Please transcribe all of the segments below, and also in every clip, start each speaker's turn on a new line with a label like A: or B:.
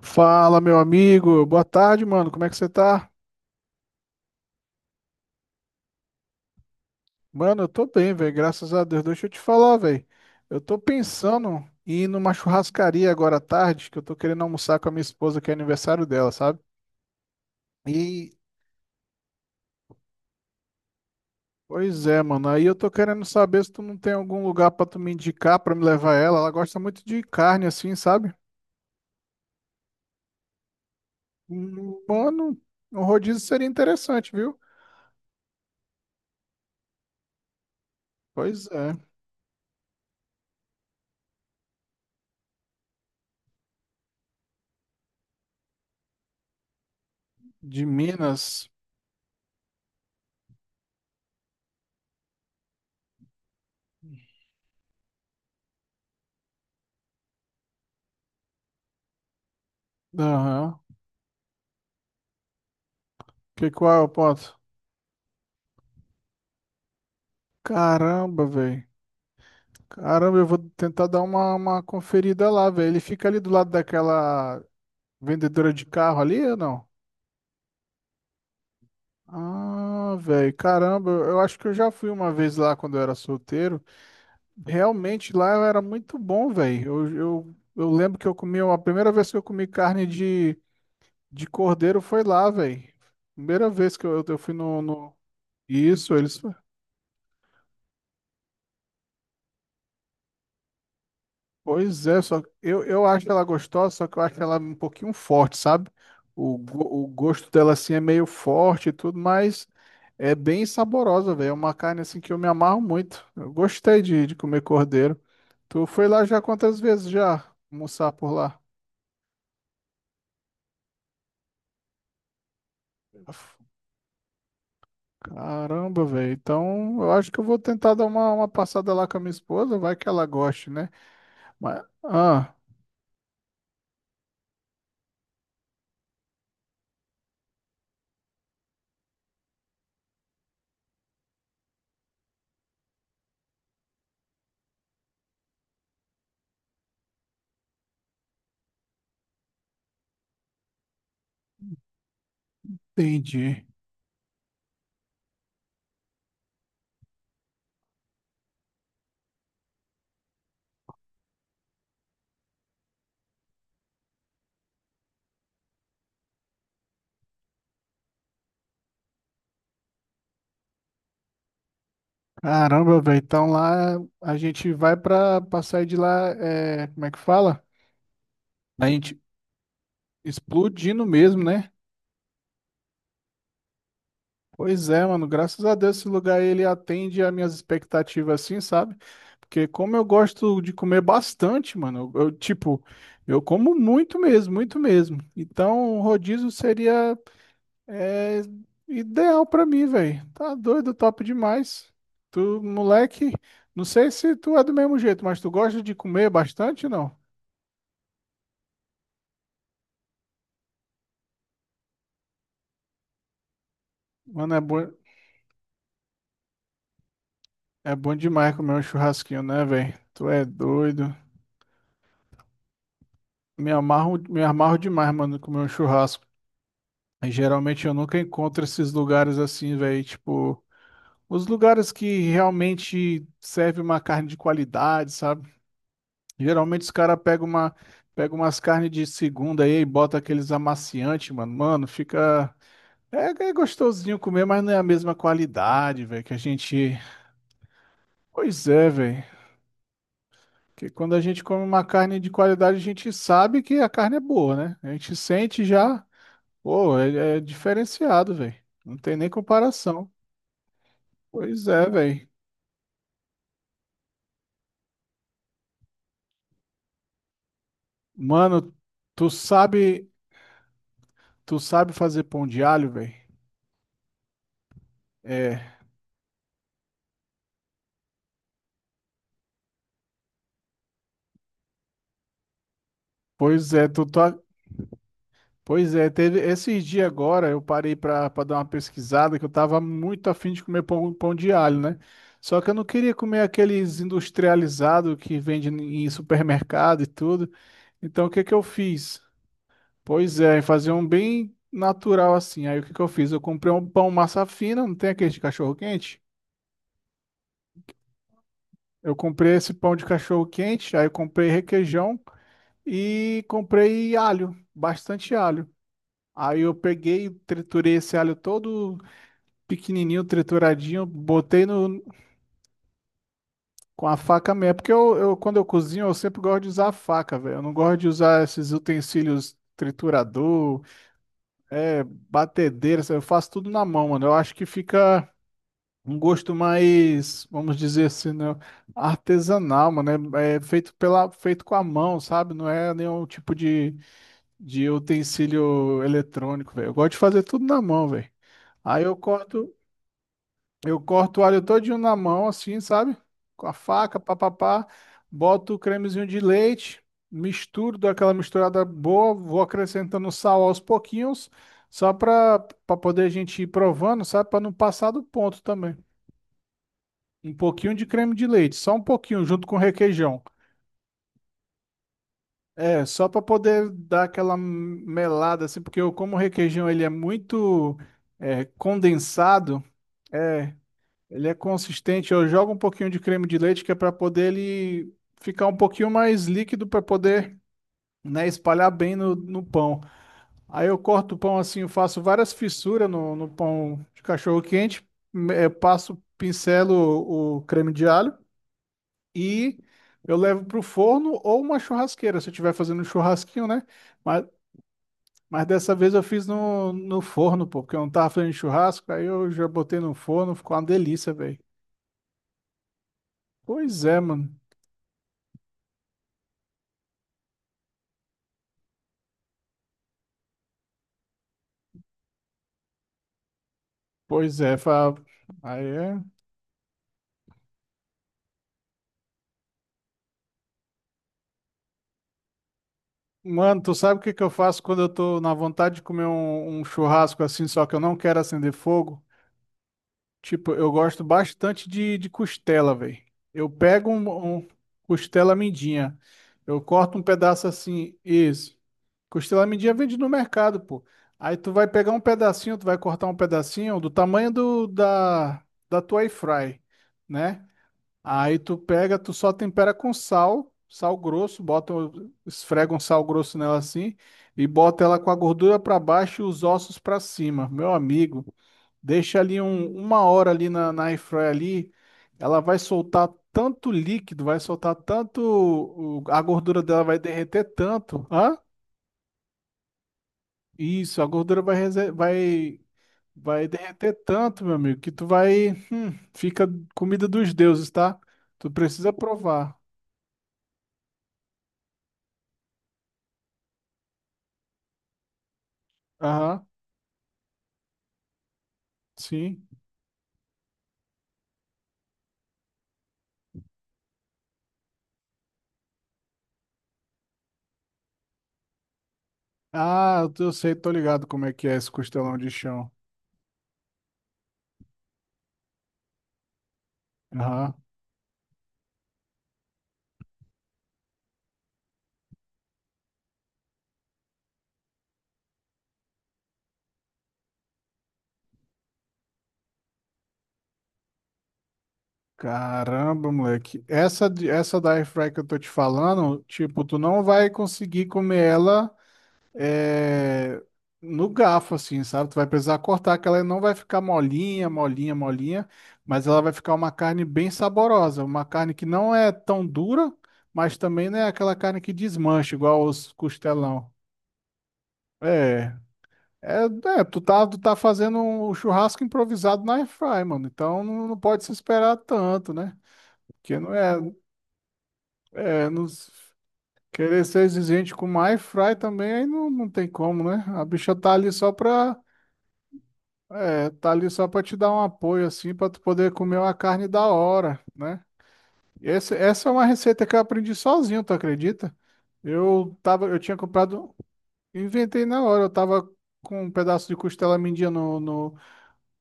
A: Fala, meu amigo. Boa tarde, mano. Como é que você tá? Mano, eu tô bem, velho. Graças a Deus. Deixa eu te falar, velho. Eu tô pensando em ir numa churrascaria agora à tarde, que eu tô querendo almoçar com a minha esposa, que é aniversário dela, sabe? E, pois é, mano. Aí eu tô querendo saber se tu não tem algum lugar pra tu me indicar, pra me levar ela. Ela gosta muito de carne, assim, sabe? Mano, um rodízio seria interessante, viu? Pois é. De Minas. Aham. Que qual é o ponto? Caramba, velho. Caramba, eu vou tentar dar uma conferida lá, velho. Ele fica ali do lado daquela vendedora de carro ali ou não? Ah, velho, caramba, eu acho que eu já fui uma vez lá quando eu era solteiro. Realmente lá eu era muito bom, velho. Eu lembro que eu comi, a primeira vez que eu comi carne de cordeiro foi lá, velho. Primeira vez que eu fui no... Isso, eles pois é, só eu acho ela gostosa, só que eu acho ela um pouquinho forte, sabe? O, o gosto dela assim é meio forte e tudo, mas é bem saborosa, velho. É uma carne assim que eu me amarro muito. Eu gostei de comer cordeiro. Tu foi lá já quantas vezes já almoçar por lá? Caramba, velho. Então eu acho que eu vou tentar dar uma passada lá com a minha esposa, vai que ela goste, né? Mas, entendi. Caramba, velho. Então lá a gente vai pra sair de lá, é, como é que fala? A gente explodindo mesmo, né? Pois é, mano. Graças a Deus esse lugar ele atende às minhas expectativas assim, sabe? Porque como eu gosto de comer bastante, mano, tipo, eu como muito mesmo, muito mesmo. Então o rodízio seria é, ideal pra mim, velho. Tá doido, top demais. Tu, moleque, não sei se tu é do mesmo jeito, mas tu gosta de comer bastante ou não? Mano, é bom demais comer um churrasquinho, né, velho? Tu é doido. Me amarro demais, mano, comer um churrasco. E, geralmente eu nunca encontro esses lugares assim, velho. Tipo, os lugares que realmente serve uma carne de qualidade, sabe? Geralmente os caras pegam uma, pegam umas carnes de segunda aí e bota aqueles amaciantes, mano. Mano, fica. É, é gostosinho comer, mas não é a mesma qualidade, velho, que a gente. Pois é, velho. Porque quando a gente come uma carne de qualidade, a gente sabe que a carne é boa, né? A gente sente já, pô, é diferenciado, velho. Não tem nem comparação. Pois é, velho. Mano, tu sabe, tu sabe fazer pão de alho, velho? É. Pois é, pois é, teve esses dias agora eu parei para dar uma pesquisada que eu tava muito afim de comer pão, pão de alho, né? Só que eu não queria comer aqueles industrializados que vende em supermercado e tudo. Então o que que eu fiz? Pois é, fazer um bem natural assim. Aí o que que eu fiz? Eu comprei um pão massa fina, não tem aquele de cachorro quente? Eu comprei esse pão de cachorro quente, aí eu comprei requeijão e comprei alho, bastante alho. Aí eu peguei, triturei esse alho todo pequenininho, trituradinho, botei no, com a faca mesmo. Porque quando eu cozinho, eu sempre gosto de usar a faca, velho. Eu não gosto de usar esses utensílios triturador, batedeira, sabe? Eu faço tudo na mão, mano. Eu acho que fica um gosto mais, vamos dizer assim, né? Artesanal, mano. É, é feito pela, feito com a mão, sabe? Não é nenhum tipo de utensílio eletrônico, velho. Eu gosto de fazer tudo na mão, velho. Aí eu corto. Eu corto o alho todinho na mão, assim, sabe? Com a faca, papapá. Boto o cremezinho de leite, misturo, dou aquela misturada boa, vou acrescentando sal aos pouquinhos, só para para poder a gente ir provando, sabe? Para não passar do ponto também. Um pouquinho de creme de leite, só um pouquinho, junto com requeijão. É, só para poder dar aquela melada, assim, porque eu, como o requeijão ele é muito condensado, é. Ele é consistente. Eu jogo um pouquinho de creme de leite que é para poder ele ficar um pouquinho mais líquido para poder, né, espalhar bem no pão. Aí eu corto o pão assim, eu faço várias fissuras no pão de cachorro quente, passo, pincelo o creme de alho e eu levo pro forno ou uma churrasqueira, se eu estiver fazendo um churrasquinho, né? Mas, mas dessa vez eu fiz no forno, pô, porque eu não tava fazendo churrasco, aí eu já botei no forno, ficou uma delícia, velho. Pois é, mano. Pois é, aí é. Mano, tu sabe o que que eu faço quando eu tô na vontade de comer um churrasco assim, só que eu não quero acender fogo? Tipo, eu gosto bastante de costela, velho. Eu pego um costela mindinha, eu corto um pedaço assim, isso. Costela mindinha vende no mercado, pô. Aí tu vai pegar um pedacinho, tu vai cortar um pedacinho do tamanho do, da, da tua air fry, né? Aí tu pega, tu só tempera com sal, sal grosso, bota, esfrega um sal grosso nela assim e bota ela com a gordura para baixo e os ossos para cima. Meu amigo, deixa ali uma hora ali na air fryer ali, ela vai soltar tanto líquido, vai soltar tanto, a gordura dela vai derreter tanto, hã? Isso, a gordura vai, vai derreter tanto, meu amigo, que tu vai, fica comida dos deuses, tá? Tu precisa provar. Aham. Sim. Ah, eu sei, tô ligado como é que é esse costelão de chão. Aham. Caramba, moleque. Essa, essa da airfry que eu tô te falando, tipo, tu não vai conseguir comer ela é, no garfo, assim, sabe? Tu vai precisar cortar, que ela não vai ficar molinha, molinha, molinha, mas ela vai ficar uma carne bem saborosa. Uma carne que não é tão dura, mas também não é aquela carne que desmancha, igual os costelão. É. É, é, tu tá fazendo um um churrasco improvisado na airfry, mano. Então não, não pode se esperar tanto, né? Porque não é, é nos- querer ser exigente com uma airfry também aí não, não tem como, né? A bicha tá ali só pra, tá ali só pra te dar um apoio assim, pra tu poder comer uma carne da hora, né? E essa é uma receita que eu aprendi sozinho, tu acredita? Eu tava, inventei na hora, eu tava com um pedaço de costela mendia no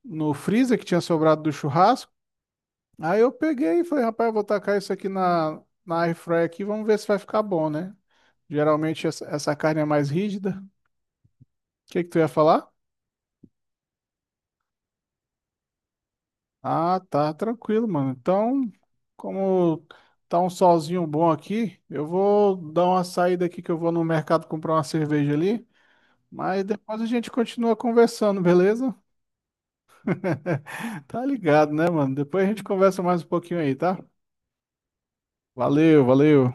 A: no freezer que tinha sobrado do churrasco. Aí eu peguei e falei, rapaz, eu vou tacar isso aqui na air fryer aqui, vamos ver se vai ficar bom, né? Geralmente essa carne é mais rígida. O que que tu ia falar? Ah, tá, tranquilo, mano. Então, como tá um solzinho bom aqui, eu vou dar uma saída aqui que eu vou no mercado comprar uma cerveja ali, mas depois a gente continua conversando, beleza? Tá ligado, né, mano? Depois a gente conversa mais um pouquinho aí, tá? Valeu, valeu.